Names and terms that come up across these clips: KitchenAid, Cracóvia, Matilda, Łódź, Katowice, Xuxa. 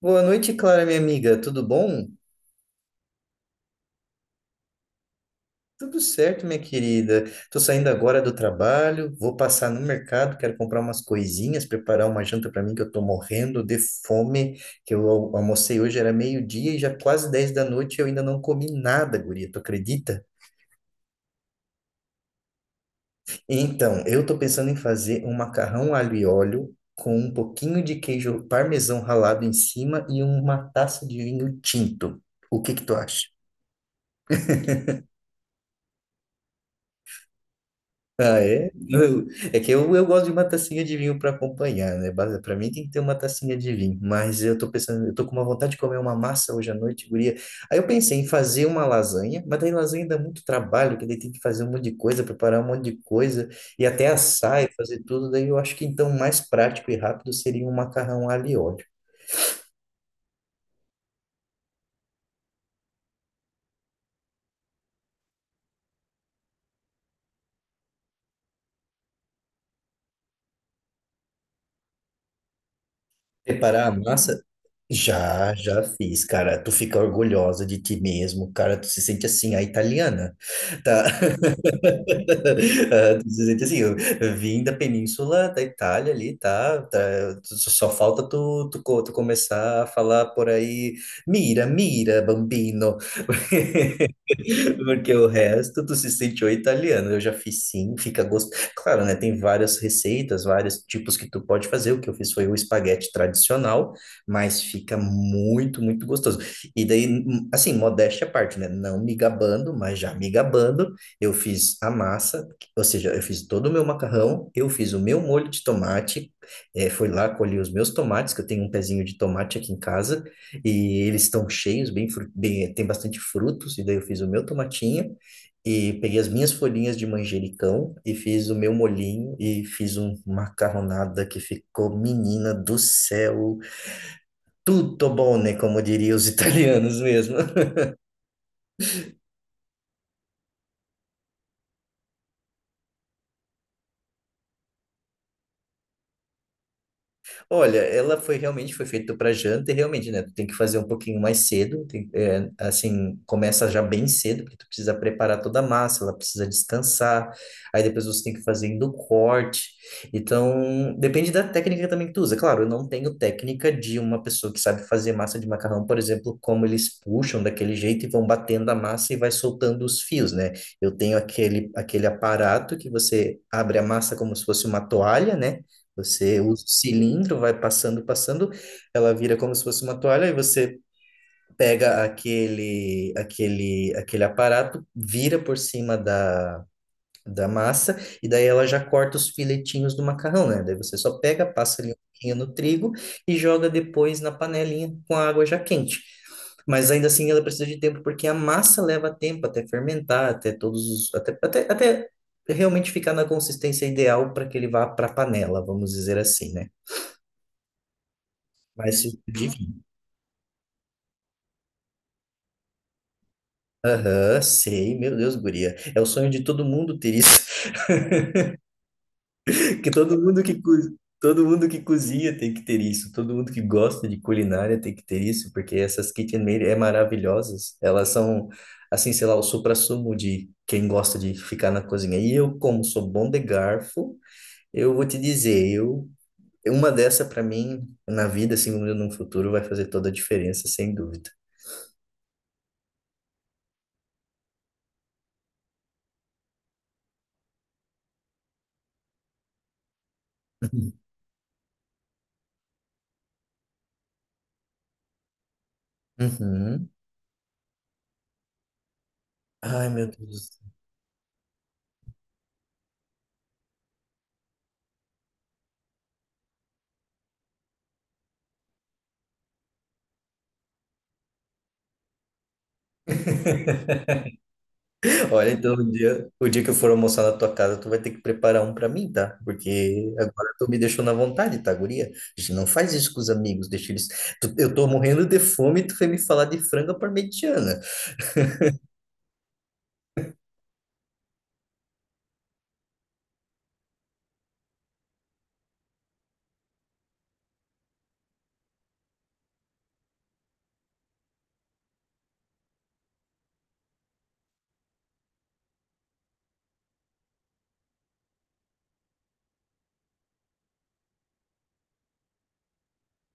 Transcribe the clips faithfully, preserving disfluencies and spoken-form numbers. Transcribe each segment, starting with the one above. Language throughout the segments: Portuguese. Boa noite, Clara, minha amiga. Tudo bom? Tudo certo, minha querida. Tô saindo agora do trabalho, vou passar no mercado, quero comprar umas coisinhas, preparar uma janta para mim que eu tô morrendo de fome, que eu al- almocei hoje era meio-dia e já quase dez da noite e eu ainda não comi nada, guria, tu acredita? Então, eu tô pensando em fazer um macarrão alho e óleo com um pouquinho de queijo parmesão ralado em cima e uma taça de vinho tinto. O que que tu acha? Ah, é? Eu- é que eu, eu gosto de uma tacinha de vinho para acompanhar, né? Ba- Pra mim tem que ter uma tacinha de vinho, mas eu tô pensando, eu tô com uma vontade de comer uma massa hoje à noite, guria. Aí eu pensei em fazer uma lasanha, mas daí lasanha dá muito trabalho, que daí tem que fazer um monte de coisa, preparar um monte de coisa, e até assar e fazer tudo, daí eu acho que então o mais prático e rápido seria um macarrão alho e óleo. Preparar a massa? Já, já fiz, cara. Tu fica orgulhosa de ti mesmo, cara. Tu se sente assim, a italiana, tá? Tá, assim, eu vim da península da Itália ali, tá? Tá só só falta tu, tu, co- tu começar a falar por aí, mira, mira, bambino. Porque o resto tu se sente o italiano. Eu já fiz sim, fica gosto. Claro, né? Tem várias receitas, vários tipos que tu pode fazer. O que eu fiz foi o espaguete tradicional, mas fica muito, muito gostoso. E daí, hum, hum, assim, modéstia à parte, né? Não me gabando, mas já me gabando, eu fiz a massa, ou seja, eu fiz todo o meu macarrão, eu fiz o meu molho de tomate, eh, fui lá, colhi os meus tomates, que eu tenho um pezinho de tomate aqui em casa. E eles estão cheios, bem, fru- bem, tem bastante frutos, e daí eu fiz o meu tomatinho e peguei as minhas folhinhas de manjericão e fiz o meu molhinho e fiz uma macarronada que ficou, menina do céu, tudo bom, né? Como diriam os italianos mesmo. Olha, ela foi realmente foi feita para janta e realmente, né? Tu tem que fazer um pouquinho mais cedo, tem- é, assim, começa já bem cedo, porque tu precisa preparar toda a massa, ela precisa descansar, aí depois você tem que ir fazendo o corte. Então, depende da técnica também que tu usa. Claro, eu não tenho técnica de uma pessoa que sabe fazer massa de macarrão, por exemplo, como eles puxam daquele jeito e vão batendo a massa e vai soltando os fios, né? Eu tenho aquele, aquele aparato que você abre a massa como se fosse uma toalha, né? Você usa o cilindro, vai passando, passando, ela vira como se fosse uma toalha, e você pega aquele, aquele, aquele aparato, vira por cima da, da massa, e daí ela já corta os filetinhos do macarrão, né? Daí você só pega, passa ali um pouquinho no trigo e joga depois na panelinha com a água já quente. Mas ainda assim ela precisa de tempo, porque a massa leva tempo até fermentar, até todos os, até, até, até realmente ficar na consistência ideal para que ele vá para a panela, vamos dizer assim, né? Vai ser divino. Aham, sei, meu Deus, guria. É o sonho de todo mundo ter isso. Que todo mundo que, co- todo mundo que cozinha tem que ter isso. Todo mundo que gosta de culinária tem que ter isso, porque essas KitchenAid é maravilhosas. Elas são, assim, sei lá, o suprassumo de quem gosta de ficar na cozinha. E eu, como sou bom de garfo, eu vou te dizer, eu, uma dessa para mim, na vida, assim, no futuro, vai fazer toda a diferença, sem dúvida. Uhum. Ai, meu Deus. Olha, então o dia, o dia que eu for almoçar na tua casa, tu vai ter que preparar um pra mim, tá? Porque agora tu me deixou na vontade, tá, guria? A gente não faz isso com os amigos, deixa eles. Tu- eu tô morrendo de fome e tu foi me falar de franga parmegiana.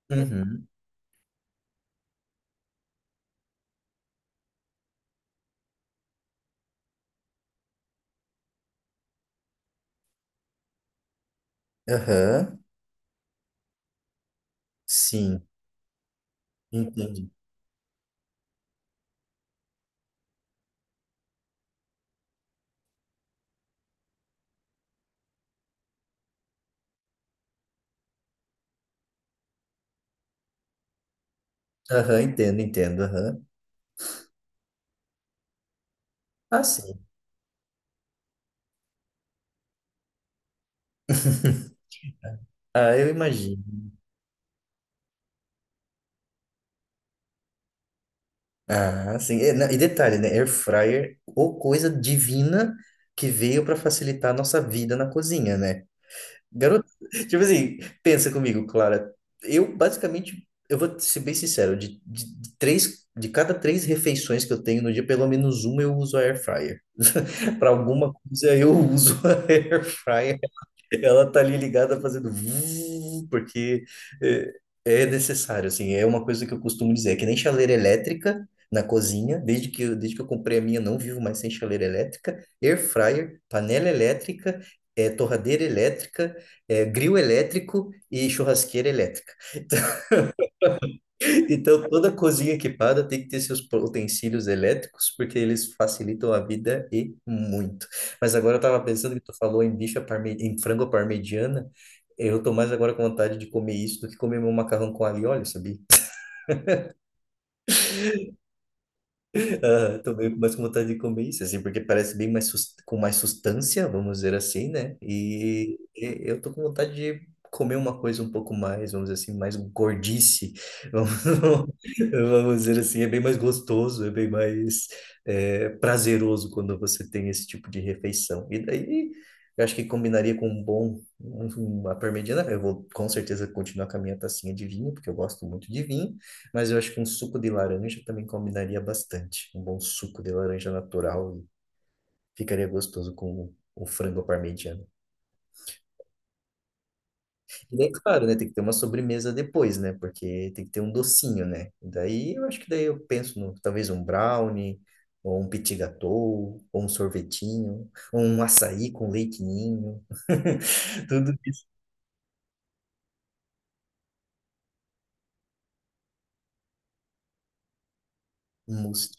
Uhum. Aham. Sim, entendi. Aham, entendo, entendo. Aham. Ah, sim. Ah, eu imagino. Ah, sim. E, na- e detalhe, né? Air fryer, ou coisa divina que veio para facilitar a nossa vida na cozinha, né? Garoto, tipo assim, pensa comigo, Clara. Eu basicamente, eu vou ser bem sincero, de, de, de três, de cada três refeições que eu tenho no dia, pelo menos uma eu uso a air fryer. Para alguma coisa eu uso a air fryer, ela tá ali ligada fazendo vuv, porque é, é necessário, assim, é uma coisa que eu costumo dizer, é que nem chaleira elétrica na cozinha, desde que, eu- desde que eu comprei a minha, não vivo mais sem chaleira elétrica, air fryer, panela elétrica, é, torradeira elétrica, é, grill elétrico e churrasqueira elétrica. Então, toda cozinha equipada tem que ter seus utensílios elétricos, porque eles facilitam a vida e muito. Mas agora eu estava pensando que tu falou em bife à parme... em frango à parmegiana, eu tô mais agora com vontade de comer isso do que comer meu macarrão com alho e óleo, sabia? Ah, tô meio mais com vontade de comer isso, assim, porque parece bem mais sus- com mais sustância, vamos dizer assim, né? E, e eu tô com vontade de comer uma coisa um pouco mais, vamos dizer assim, mais gordice, vamos, vamos dizer assim, é bem mais gostoso, é bem mais é, prazeroso quando você tem esse tipo de refeição. E daí, eu acho que combinaria com um bom, um- uma parmegiana, eu vou com certeza continuar com a minha tacinha de vinho, porque eu gosto muito de vinho, mas eu acho que um suco de laranja também combinaria bastante. Um bom suco de laranja natural e ficaria gostoso com o frango parmegiana. E daí, claro, né? Tem que ter uma sobremesa depois, né? Porque tem que ter um docinho, né? Daí eu acho que daí eu penso no talvez um brownie, ou um petit gâteau, ou um sorvetinho, ou um açaí com leite ninho. Tudo isso. Um mousse.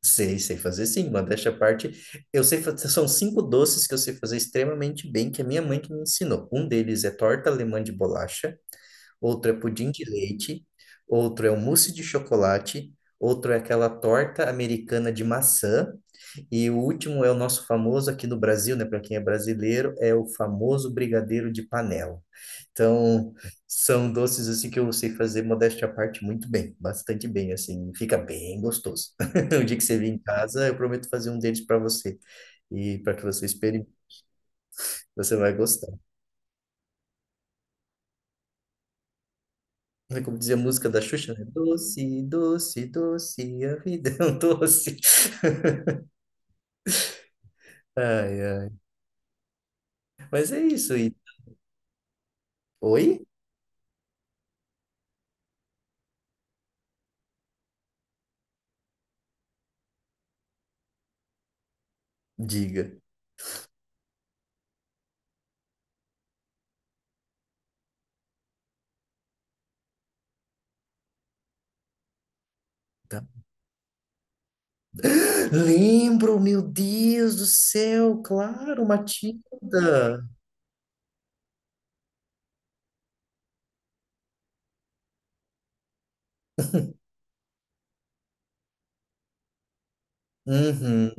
Sei, sei fazer sim, modéstia à parte. Eu sei fazer, são cinco doces que eu sei fazer extremamente bem, que a minha mãe que me ensinou. Um deles é torta alemã de bolacha, outro é pudim de leite, outro é um mousse de chocolate, outro é aquela torta americana de maçã, e o último é o nosso famoso aqui no Brasil, né? Para quem é brasileiro, é o famoso brigadeiro de panela. Então, são doces assim que eu sei fazer, modéstia à parte, muito bem, bastante bem, assim, fica bem gostoso. O dia que você vir em casa, eu prometo fazer um deles para você. E para que você experimente, você vai gostar. É, como dizia a música da Xuxa, né? Doce, doce, doce, a vida é um doce. Ai, ai. Mas é isso. E... Oi? Diga. Tá. Lembro, meu Deus do céu, claro, Matilda. Uhum.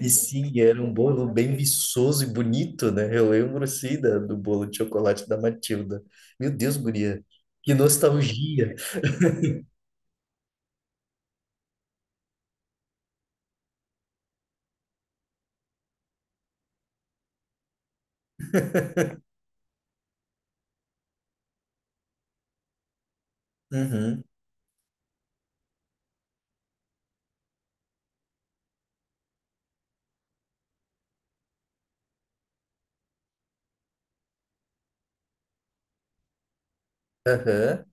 E sim, era um bolo bem viçoso e bonito, né? Eu lembro, sim, da- do bolo de chocolate da Matilda. Meu Deus, guria, que nostalgia. Uhum. Aham.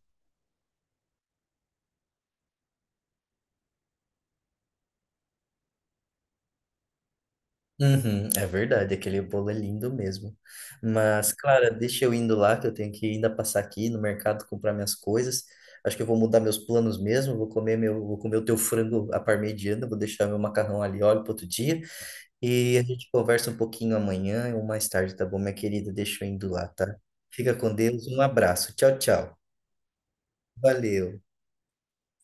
Uhum, é verdade, aquele bolo é lindo mesmo. Mas, Clara, deixa eu indo lá, que eu tenho que ainda passar aqui no mercado comprar minhas coisas. Acho que eu vou mudar meus planos mesmo, vou comer meu, vou comer o teu frango à parmegiana, vou deixar meu macarrão ali óleo para outro dia. E a gente conversa um pouquinho amanhã ou mais tarde, tá bom, minha querida? Deixa eu indo lá, tá? Fica com Deus, um abraço. Tchau, tchau. Valeu.